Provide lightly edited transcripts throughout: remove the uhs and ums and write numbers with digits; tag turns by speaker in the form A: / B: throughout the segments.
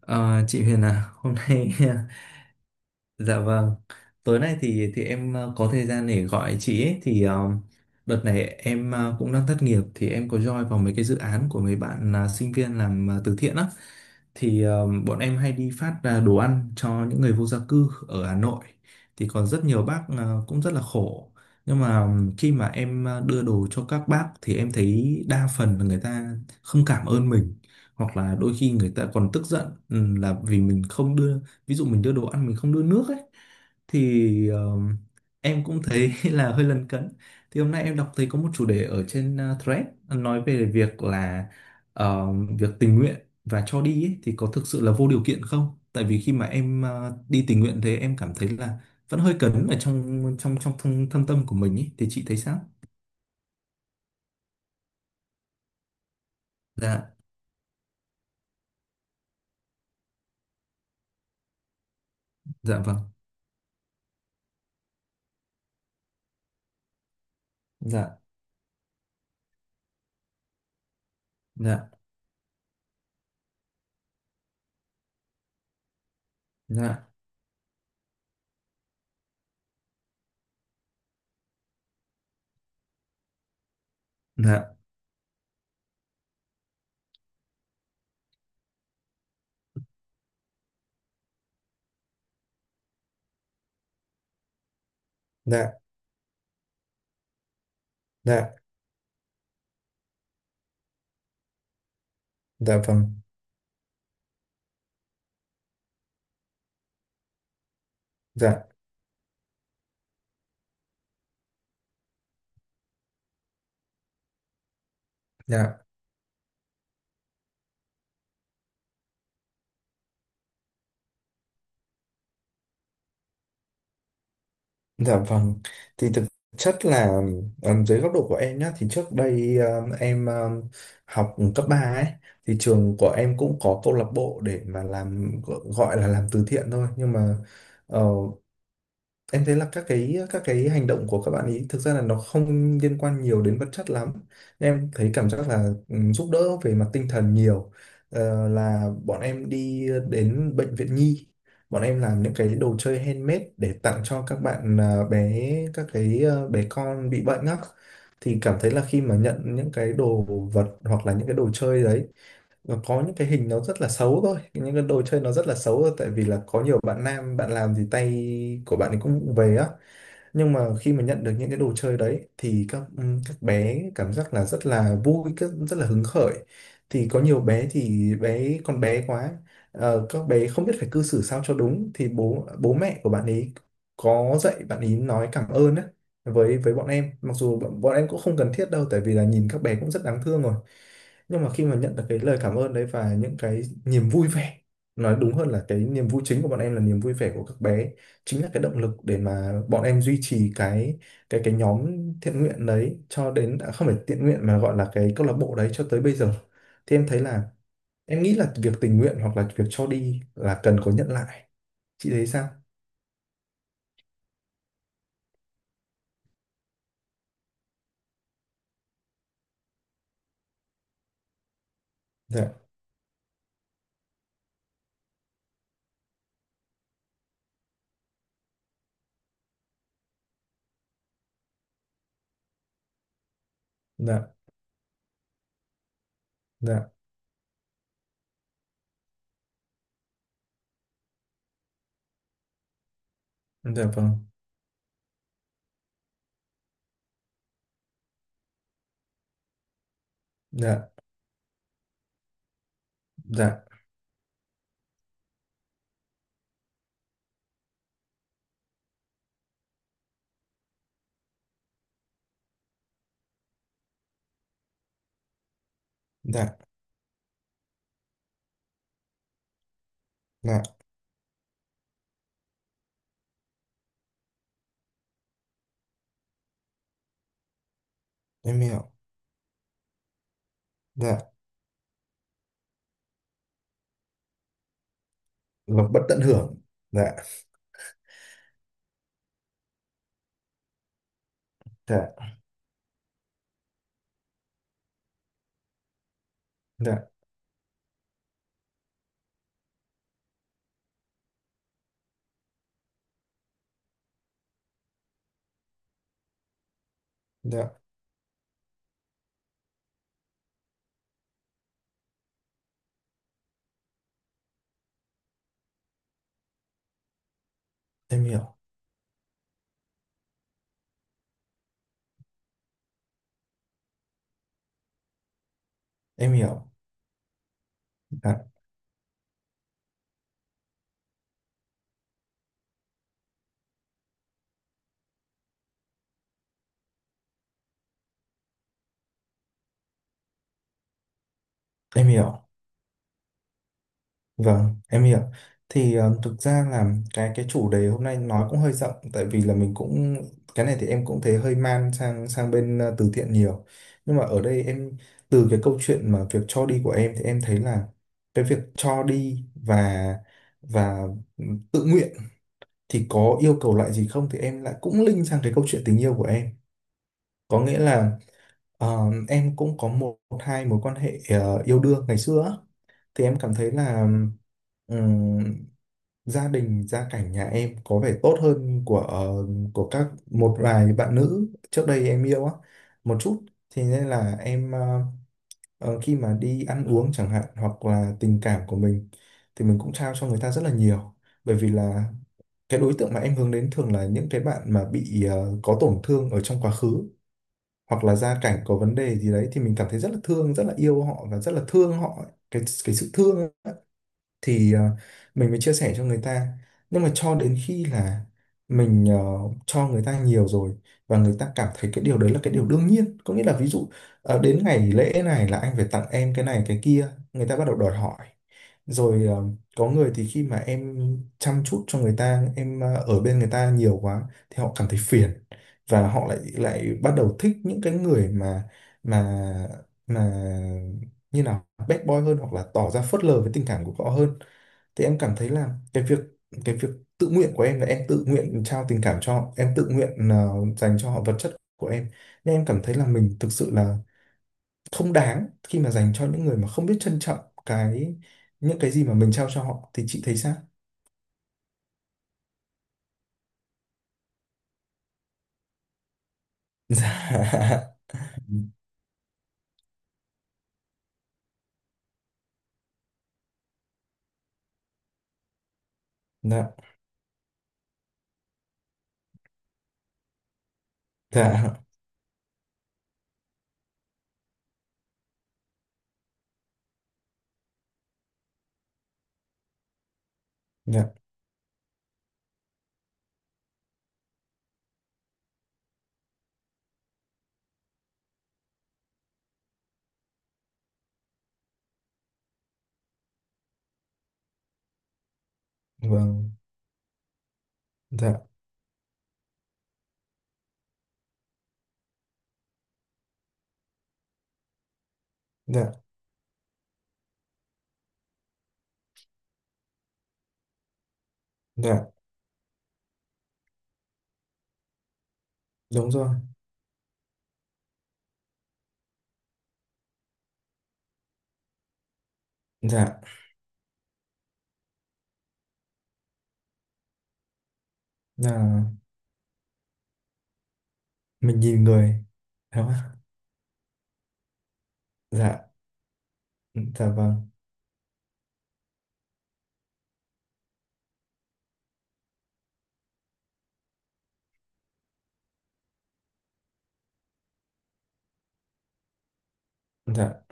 A: Ờ, chị Huyền à, hôm nay Dạ, vâng. Tối nay thì em có thời gian để gọi chị ấy thì đợt này em cũng đang thất nghiệp thì em có join vào mấy cái dự án của mấy bạn sinh viên làm từ thiện á. Thì bọn em hay đi phát đồ ăn cho những người vô gia cư ở Hà Nội. Thì còn rất nhiều bác cũng rất là khổ. Nhưng mà khi mà em đưa đồ cho các bác thì em thấy đa phần là người ta không cảm ơn mình, hoặc là đôi khi người ta còn tức giận, là vì mình không đưa. Ví dụ mình đưa đồ ăn mình không đưa nước ấy thì em cũng thấy là hơi lấn cấn. Thì hôm nay em đọc thấy có một chủ đề ở trên thread nói về việc là, việc tình nguyện và cho đi ấy, thì có thực sự là vô điều kiện không, tại vì khi mà em đi tình nguyện thế em cảm thấy là vẫn hơi cấn ở trong trong trong thâm tâm của mình ấy. Thì chị thấy sao? Dạ, dạ, vâng, dạ, dạ, dạ, dạ, dạ, dạ, dạ, vâng, dạ, dạ. Dạ, vâng, thì thực chất là, dưới góc độ của em nhá, thì trước đây, em học cấp 3 ấy, thì trường của em cũng có câu lạc bộ để mà làm, gọi là làm từ thiện thôi, nhưng mà ờ, em thấy là các cái hành động của các bạn ấy thực ra là nó không liên quan nhiều đến vật chất lắm. Nên em thấy cảm giác là, ừ, giúp đỡ về mặt tinh thần nhiều. Là bọn em đi đến bệnh viện nhi, bọn em làm những cái đồ chơi handmade để tặng cho các bạn, bé, các cái, bé con bị bệnh á. Thì cảm thấy là khi mà nhận những cái đồ vật hoặc là những cái đồ chơi đấy, và có những cái hình nó rất là xấu thôi, những cái đồ chơi nó rất là xấu thôi, tại vì là có nhiều bạn nam bạn làm thì tay của bạn ấy cũng vụng về á. Nhưng mà khi mà nhận được những cái đồ chơi đấy thì các bé cảm giác là rất là vui, rất là hứng khởi. Thì có nhiều bé thì bé con bé quá, các bé không biết phải cư xử sao cho đúng, thì bố bố mẹ của bạn ấy có dạy bạn ấy nói cảm ơn á với bọn em, mặc dù bọn em cũng không cần thiết đâu, tại vì là nhìn các bé cũng rất đáng thương rồi. Nhưng mà khi mà nhận được cái lời cảm ơn đấy và những cái niềm vui vẻ, nói đúng hơn là cái niềm vui chính của bọn em là niềm vui vẻ của các bé, chính là cái động lực để mà bọn em duy trì cái nhóm thiện nguyện đấy cho đến, không phải thiện nguyện mà gọi là cái câu lạc bộ đấy cho tới bây giờ. Thì em thấy là, em nghĩ là việc tình nguyện hoặc là việc cho đi là cần có nhận lại. Chị thấy sao? Dạ, dạ, dạ, dạ, vâng, dạ, dạ, dạ, dạ, em hiểu, dạ, là bất tận hưởng, dạ, dạ, dạ. Dạ, em hiểu, em hiểu, dạ, em hiểu, vâng, em hiểu. Thì thực ra là cái chủ đề hôm nay nói cũng hơi rộng, tại vì là mình cũng, cái này thì em cũng thấy hơi man sang sang bên từ thiện nhiều. Nhưng mà ở đây em, từ cái câu chuyện mà việc cho đi của em thì em thấy là cái việc cho đi và tự nguyện thì có yêu cầu lại gì không, thì em lại cũng link sang cái câu chuyện tình yêu của em. Có nghĩa là, Ờ, em cũng có một hai mối quan hệ yêu đương ngày xưa á. Thì em cảm thấy là, ừm, gia đình gia cảnh nhà em có vẻ tốt hơn của của các một vài bạn nữ trước đây em yêu á một chút. Thì nên là em, khi mà đi ăn uống chẳng hạn hoặc là tình cảm của mình thì mình cũng trao cho người ta rất là nhiều, bởi vì là cái đối tượng mà em hướng đến thường là những cái bạn mà bị có tổn thương ở trong quá khứ, hoặc là gia cảnh có vấn đề gì đấy, thì mình cảm thấy rất là thương, rất là yêu họ và rất là thương họ, cái sự thương ấy, thì mình mới chia sẻ cho người ta. Nhưng mà cho đến khi là mình cho người ta nhiều rồi, và người ta cảm thấy cái điều đấy là cái điều đương nhiên, có nghĩa là ví dụ đến ngày lễ này là anh phải tặng em cái này cái kia, người ta bắt đầu đòi hỏi. Rồi có người thì khi mà em chăm chút cho người ta, em ở bên người ta nhiều quá thì họ cảm thấy phiền, và họ lại lại bắt đầu thích những cái người mà mà mà như nào bad boy hơn, hoặc là tỏ ra phớt lờ với tình cảm của họ hơn. Thì em cảm thấy là cái việc tự nguyện của em là em tự nguyện trao tình cảm cho họ, em tự nguyện dành cho họ vật chất của em, nên em cảm thấy là mình thực sự là không đáng khi mà dành cho những người mà không biết trân trọng cái những cái gì mà mình trao cho họ. Thì chị thấy sao? Dạ, dạ, dạ, dạ, vâng, dạ, dạ, dạ, đúng rồi, dạ, là mình nhìn người, đúng không ạ? Dạ. Dạ, vâng, dạ,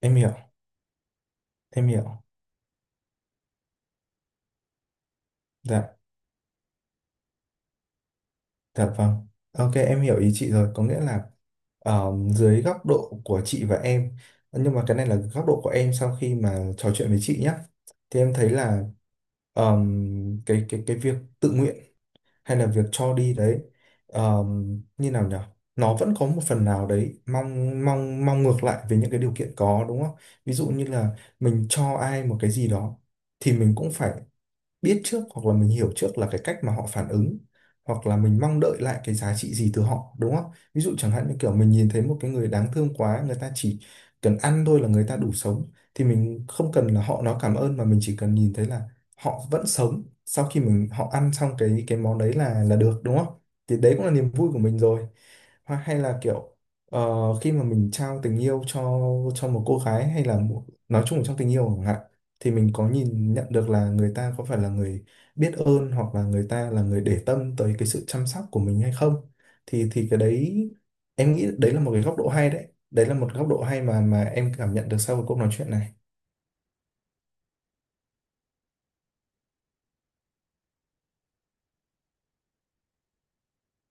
A: em hiểu, em hiểu, dạ, dạ, vâng. Ok, em hiểu ý chị rồi, có nghĩa là dưới góc độ của chị và em, nhưng mà cái này là góc độ của em sau khi mà trò chuyện với chị nhé, thì em thấy là, cái việc tự nguyện hay là việc cho đi đấy, như nào nhỉ? Nó vẫn có một phần nào đấy mong mong mong ngược lại với những cái điều kiện, có đúng không? Ví dụ như là mình cho ai một cái gì đó thì mình cũng phải biết trước, hoặc là mình hiểu trước là cái cách mà họ phản ứng, hoặc là mình mong đợi lại cái giá trị gì từ họ, đúng không? Ví dụ chẳng hạn như kiểu mình nhìn thấy một cái người đáng thương quá, người ta chỉ cần ăn thôi là người ta đủ sống, thì mình không cần là họ nói cảm ơn, mà mình chỉ cần nhìn thấy là họ vẫn sống sau khi mình, họ ăn xong cái món đấy là được, đúng không? Thì đấy cũng là niềm vui của mình rồi. Hoặc hay là kiểu, ờ, khi mà mình trao tình yêu cho một cô gái hay là nói chung là trong tình yêu chẳng hạn, thì mình có nhìn nhận được là người ta có phải là người biết ơn, hoặc là người ta là người để tâm tới cái sự chăm sóc của mình hay không, thì cái đấy, em nghĩ đấy là một cái góc độ hay, đấy đấy là một góc độ hay mà em cảm nhận được sau cái cuộc nói chuyện này.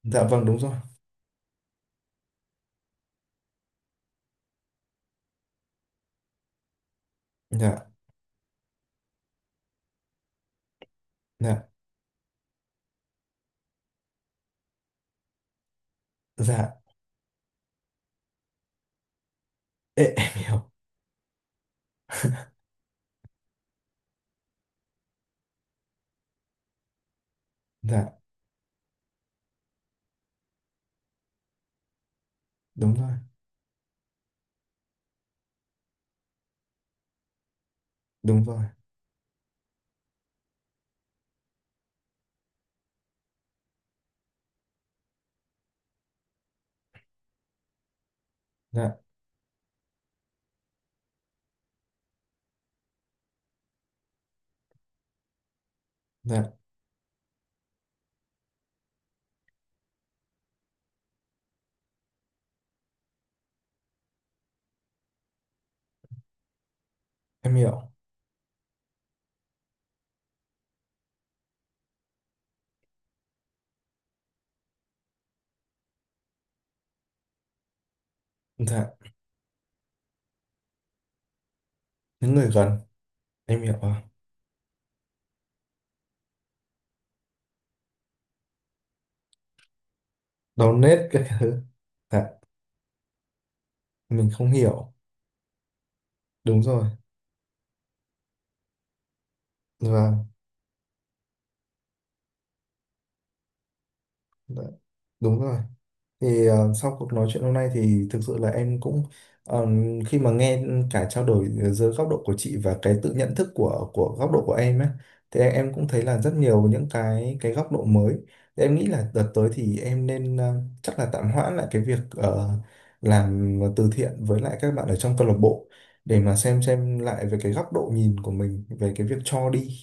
A: Dạ, vâng, đúng rồi, dạ, dạ, dạ. Ê, em hiểu, dạ, đúng rồi, đúng rồi, dạ, dạ, em hiểu, dạ, những người gần, em hiểu, à, đau nết cái thứ, dạ, mình không hiểu, đúng rồi, vâng, dạ, đúng rồi. Thì sau cuộc nói chuyện hôm nay thì thực sự là em cũng ờ, khi mà nghe cả trao đổi giữa góc độ của chị và cái tự nhận thức của góc độ của em ấy, thì em cũng thấy là rất nhiều những cái góc độ mới. Thì em nghĩ là đợt tới thì em nên chắc là tạm hoãn lại cái việc làm từ thiện với lại các bạn ở trong câu lạc bộ, để mà xem lại về cái góc độ nhìn của mình về cái việc cho đi,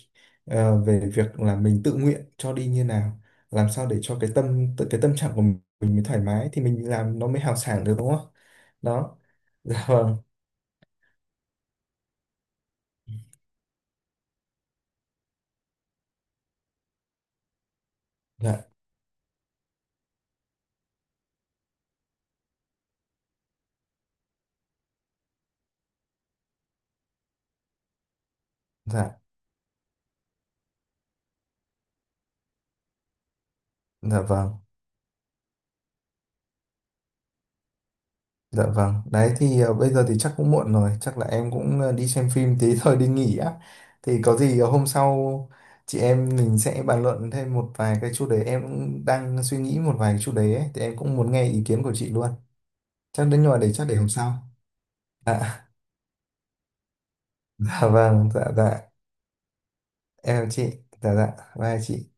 A: về việc là mình tự nguyện cho đi như nào, làm sao để cho cái tâm trạng của mình mới thoải mái thì mình làm nó mới hào sảng được, đúng không? Đó. Dạ, vâng, dạ, dạ, dạ, vâng, dạ, vâng, đấy thì bây giờ thì chắc cũng muộn rồi, chắc là em cũng đi xem phim tí thôi, đi nghỉ á. Thì có gì hôm sau chị em mình sẽ bàn luận thêm một vài cái chủ đề, em cũng đang suy nghĩ một vài cái chủ đề ấy thì em cũng muốn nghe ý kiến của chị luôn. Chắc đến, nhưng để chắc để hôm sau. Dạ. Dạ, vâng, dạ, dạ. Em chào chị. Dạ, dạ, bye chị.